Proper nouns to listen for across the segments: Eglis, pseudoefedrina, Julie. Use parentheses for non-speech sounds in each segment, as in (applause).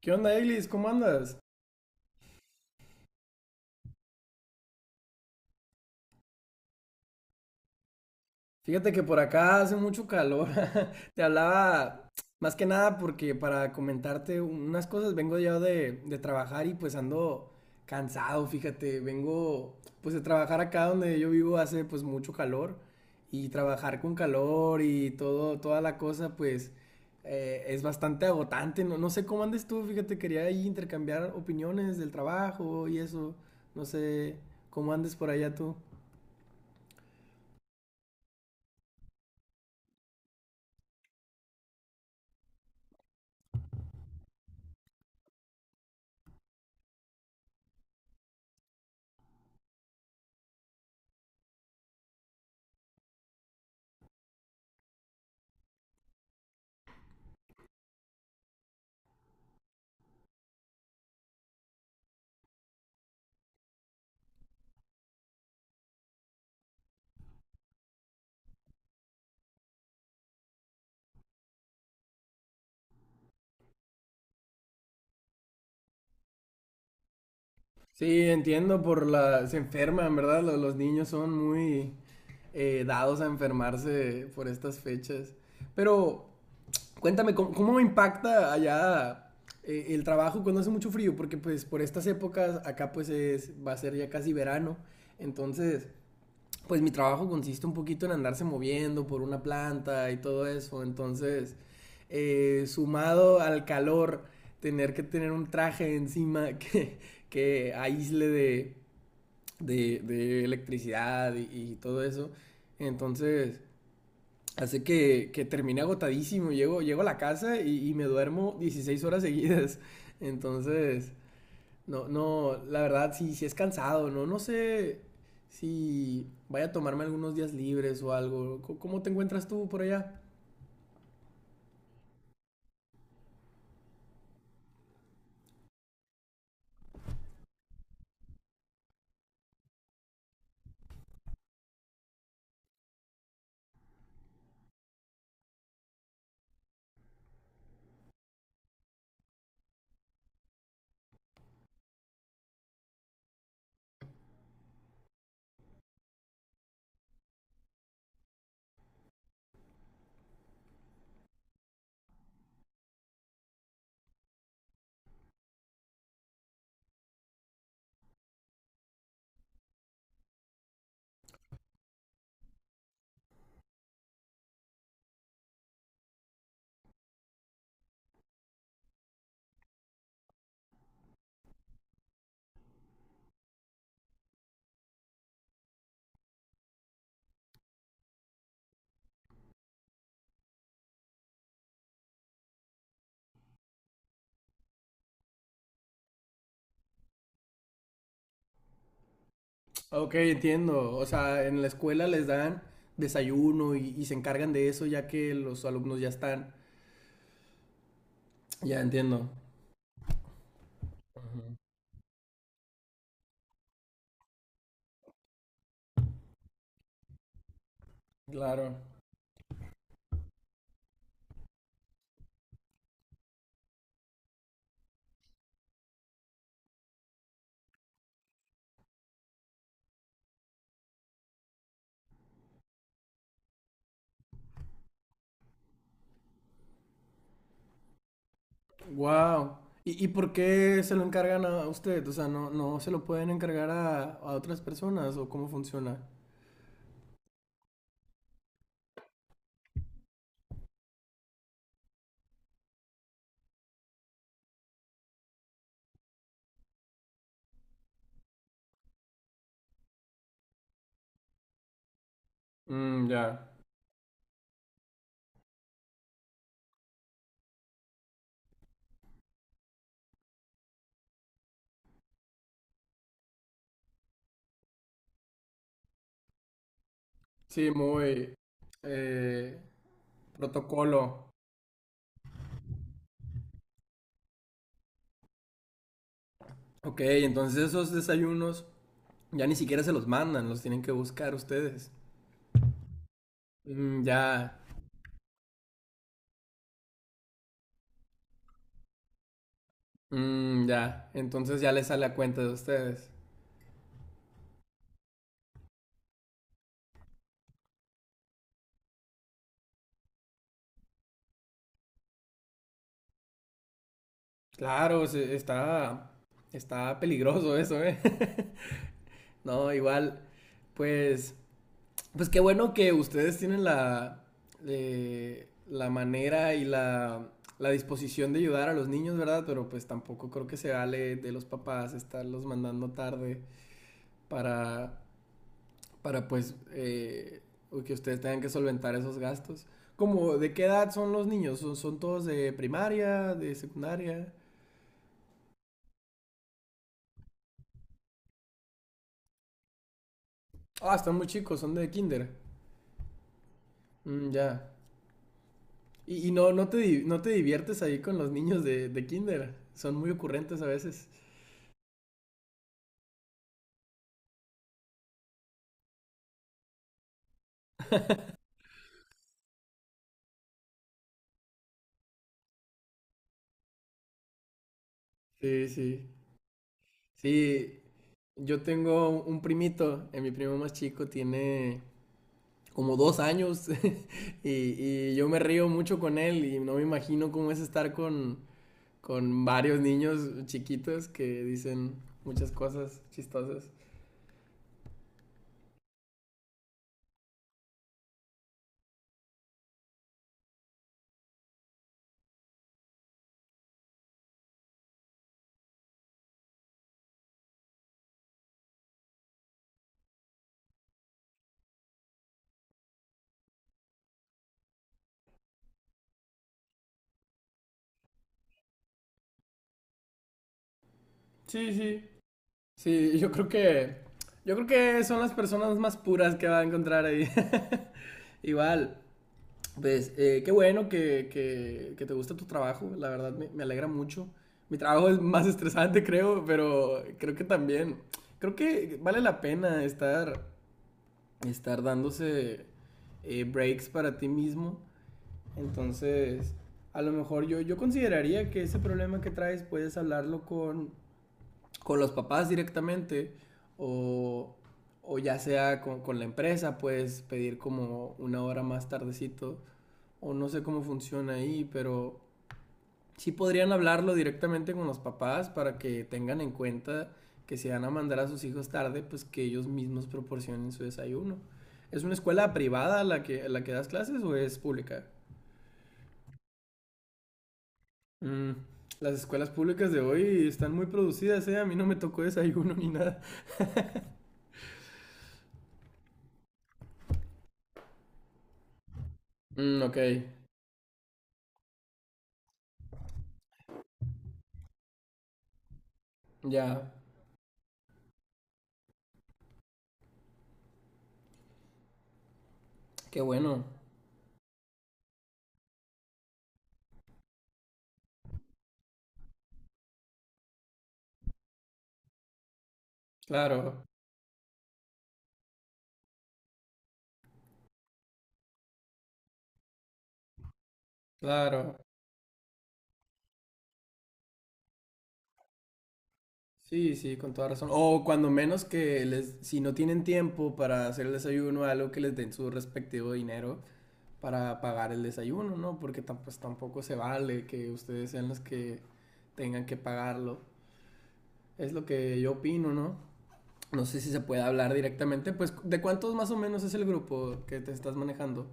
¿Qué onda, Eglis? ¿Cómo andas? Fíjate que por acá hace mucho calor. (laughs) Te hablaba más que nada porque para comentarte unas cosas, vengo ya de trabajar y pues ando cansado, fíjate. Vengo pues de trabajar acá donde yo vivo hace pues mucho calor y trabajar con calor y todo, toda la cosa pues es bastante agotante. No sé cómo andes tú, fíjate, quería ahí intercambiar opiniones del trabajo y eso. No sé cómo andes por allá tú. Sí, entiendo por la se enferman, ¿verdad? Los niños son muy dados a enfermarse por estas fechas. Pero cuéntame, ¿cómo impacta allá el trabajo cuando hace mucho frío? Porque pues por estas épocas acá pues es, va a ser ya casi verano. Entonces, pues mi trabajo consiste un poquito en andarse moviendo por una planta y todo eso. Entonces, sumado al calor, tener que tener un traje encima (laughs) que aísle de electricidad y todo eso. Entonces, hace que termine agotadísimo. Llego a la casa y me duermo 16 horas (laughs) seguidas. Entonces, no, la verdad sí es cansado, ¿no? No sé si vaya a tomarme algunos días libres o algo. ¿Cómo te encuentras tú por allá? Ok, entiendo. O sea, en la escuela les dan desayuno y se encargan de eso ya que los alumnos ya están. Ya entiendo. Claro. Wow. ¿Y por qué se lo encargan a usted? O sea, ¿no se lo pueden encargar a otras personas o cómo funciona? Mm, ya. Sí, muy eh, protocolo. Ok, entonces esos desayunos ya ni siquiera se los mandan, los tienen que buscar ustedes. Mm, ya. Mm, ya, entonces ya les sale a cuenta de ustedes. Claro, está, está peligroso eso, ¿eh? (laughs) No, igual, pues, pues qué bueno que ustedes tienen la, la manera y la disposición de ayudar a los niños, ¿verdad? Pero pues tampoco creo que se vale de los papás estarlos mandando tarde para, para pues que ustedes tengan que solventar esos gastos. Como, ¿de qué edad son los niños? ¿Son, son todos de primaria, de secundaria? Ah, están muy chicos, son de kinder. Mm, ya. Y no, no, no te diviertes ahí con los niños de kinder. Son muy ocurrentes a veces. Sí, sí. Sí, yo tengo un primito, mi primo más chico tiene como 2 años (laughs) y yo me río mucho con él y no me imagino cómo es estar con varios niños chiquitos que dicen muchas cosas chistosas. Sí, sí. Sí, yo creo que son las personas más puras que va a encontrar ahí. (laughs) Igual, pues qué bueno que te gusta tu trabajo, la verdad me alegra mucho. Mi trabajo es más estresante, creo, pero creo que también, creo que vale la pena estar, estar dándose breaks para ti mismo. Entonces, a lo mejor yo consideraría que ese problema que traes puedes hablarlo con los papás directamente o, o ya sea con la empresa, puedes pedir como una hora más tardecito o no sé cómo funciona ahí, pero sí podrían hablarlo directamente con los papás para que tengan en cuenta que si van a mandar a sus hijos tarde, pues que ellos mismos proporcionen su desayuno. ¿Es una escuela privada la que das clases o es pública? Mm. Las escuelas públicas de hoy están muy producidas, ¿eh? A mí no me tocó desayuno ni nada. Mm, ok, ya, qué bueno. Claro, claro. Sí, sí, con toda razón. O cuando menos que les, si no tienen tiempo para hacer el desayuno, algo que les den su respectivo dinero para pagar el desayuno, ¿no? Porque pues tampoco se vale que ustedes sean los que tengan que pagarlo. Es lo que yo opino, ¿no? No sé si se puede hablar directamente, pues ¿de cuántos más o menos es el grupo que te estás manejando?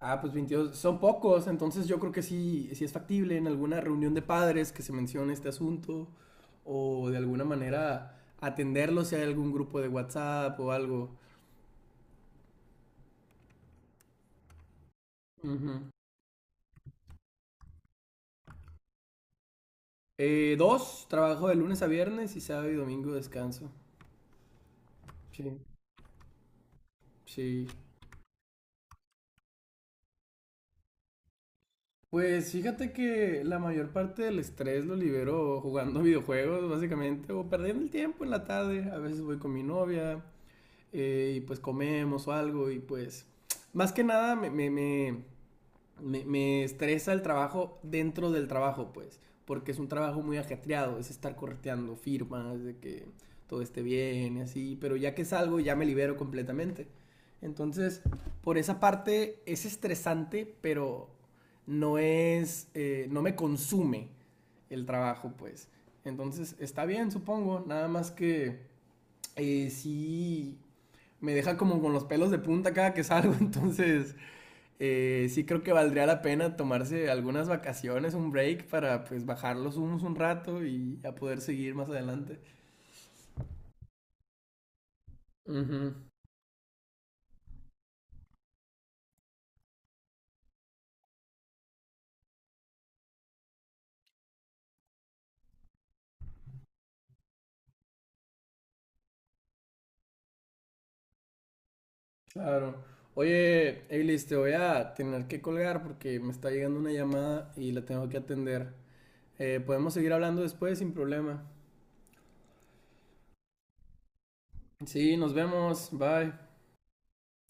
Ah, pues 22 son pocos, entonces yo creo que sí es factible en alguna reunión de padres que se mencione este asunto o de alguna manera atenderlo si hay algún grupo de WhatsApp o algo. Ujú. Dos, trabajo de lunes a viernes y sábado y domingo descanso. Sí, sí. Pues fíjate que la mayor parte del estrés lo libero jugando (laughs) videojuegos, básicamente, o perdiendo el tiempo en la tarde. A veces voy con mi novia, y pues comemos o algo y pues más que nada me estresa el trabajo dentro del trabajo, pues, porque es un trabajo muy ajetreado, es estar correteando firmas, de que todo esté bien y así, pero ya que salgo ya me libero completamente. Entonces, por esa parte es estresante, pero no es, no me consume el trabajo, pues. Entonces, está bien, supongo, nada más que sí me deja como con los pelos de punta cada que salgo, (laughs) entonces sí creo que valdría la pena tomarse algunas vacaciones, un break para pues bajar los humos un rato y a poder seguir más adelante. Ujú, claro. Oye, Eilis, te voy a tener que colgar porque me está llegando una llamada y la tengo que atender. Podemos seguir hablando después sin problema. Sí, nos vemos. Bye.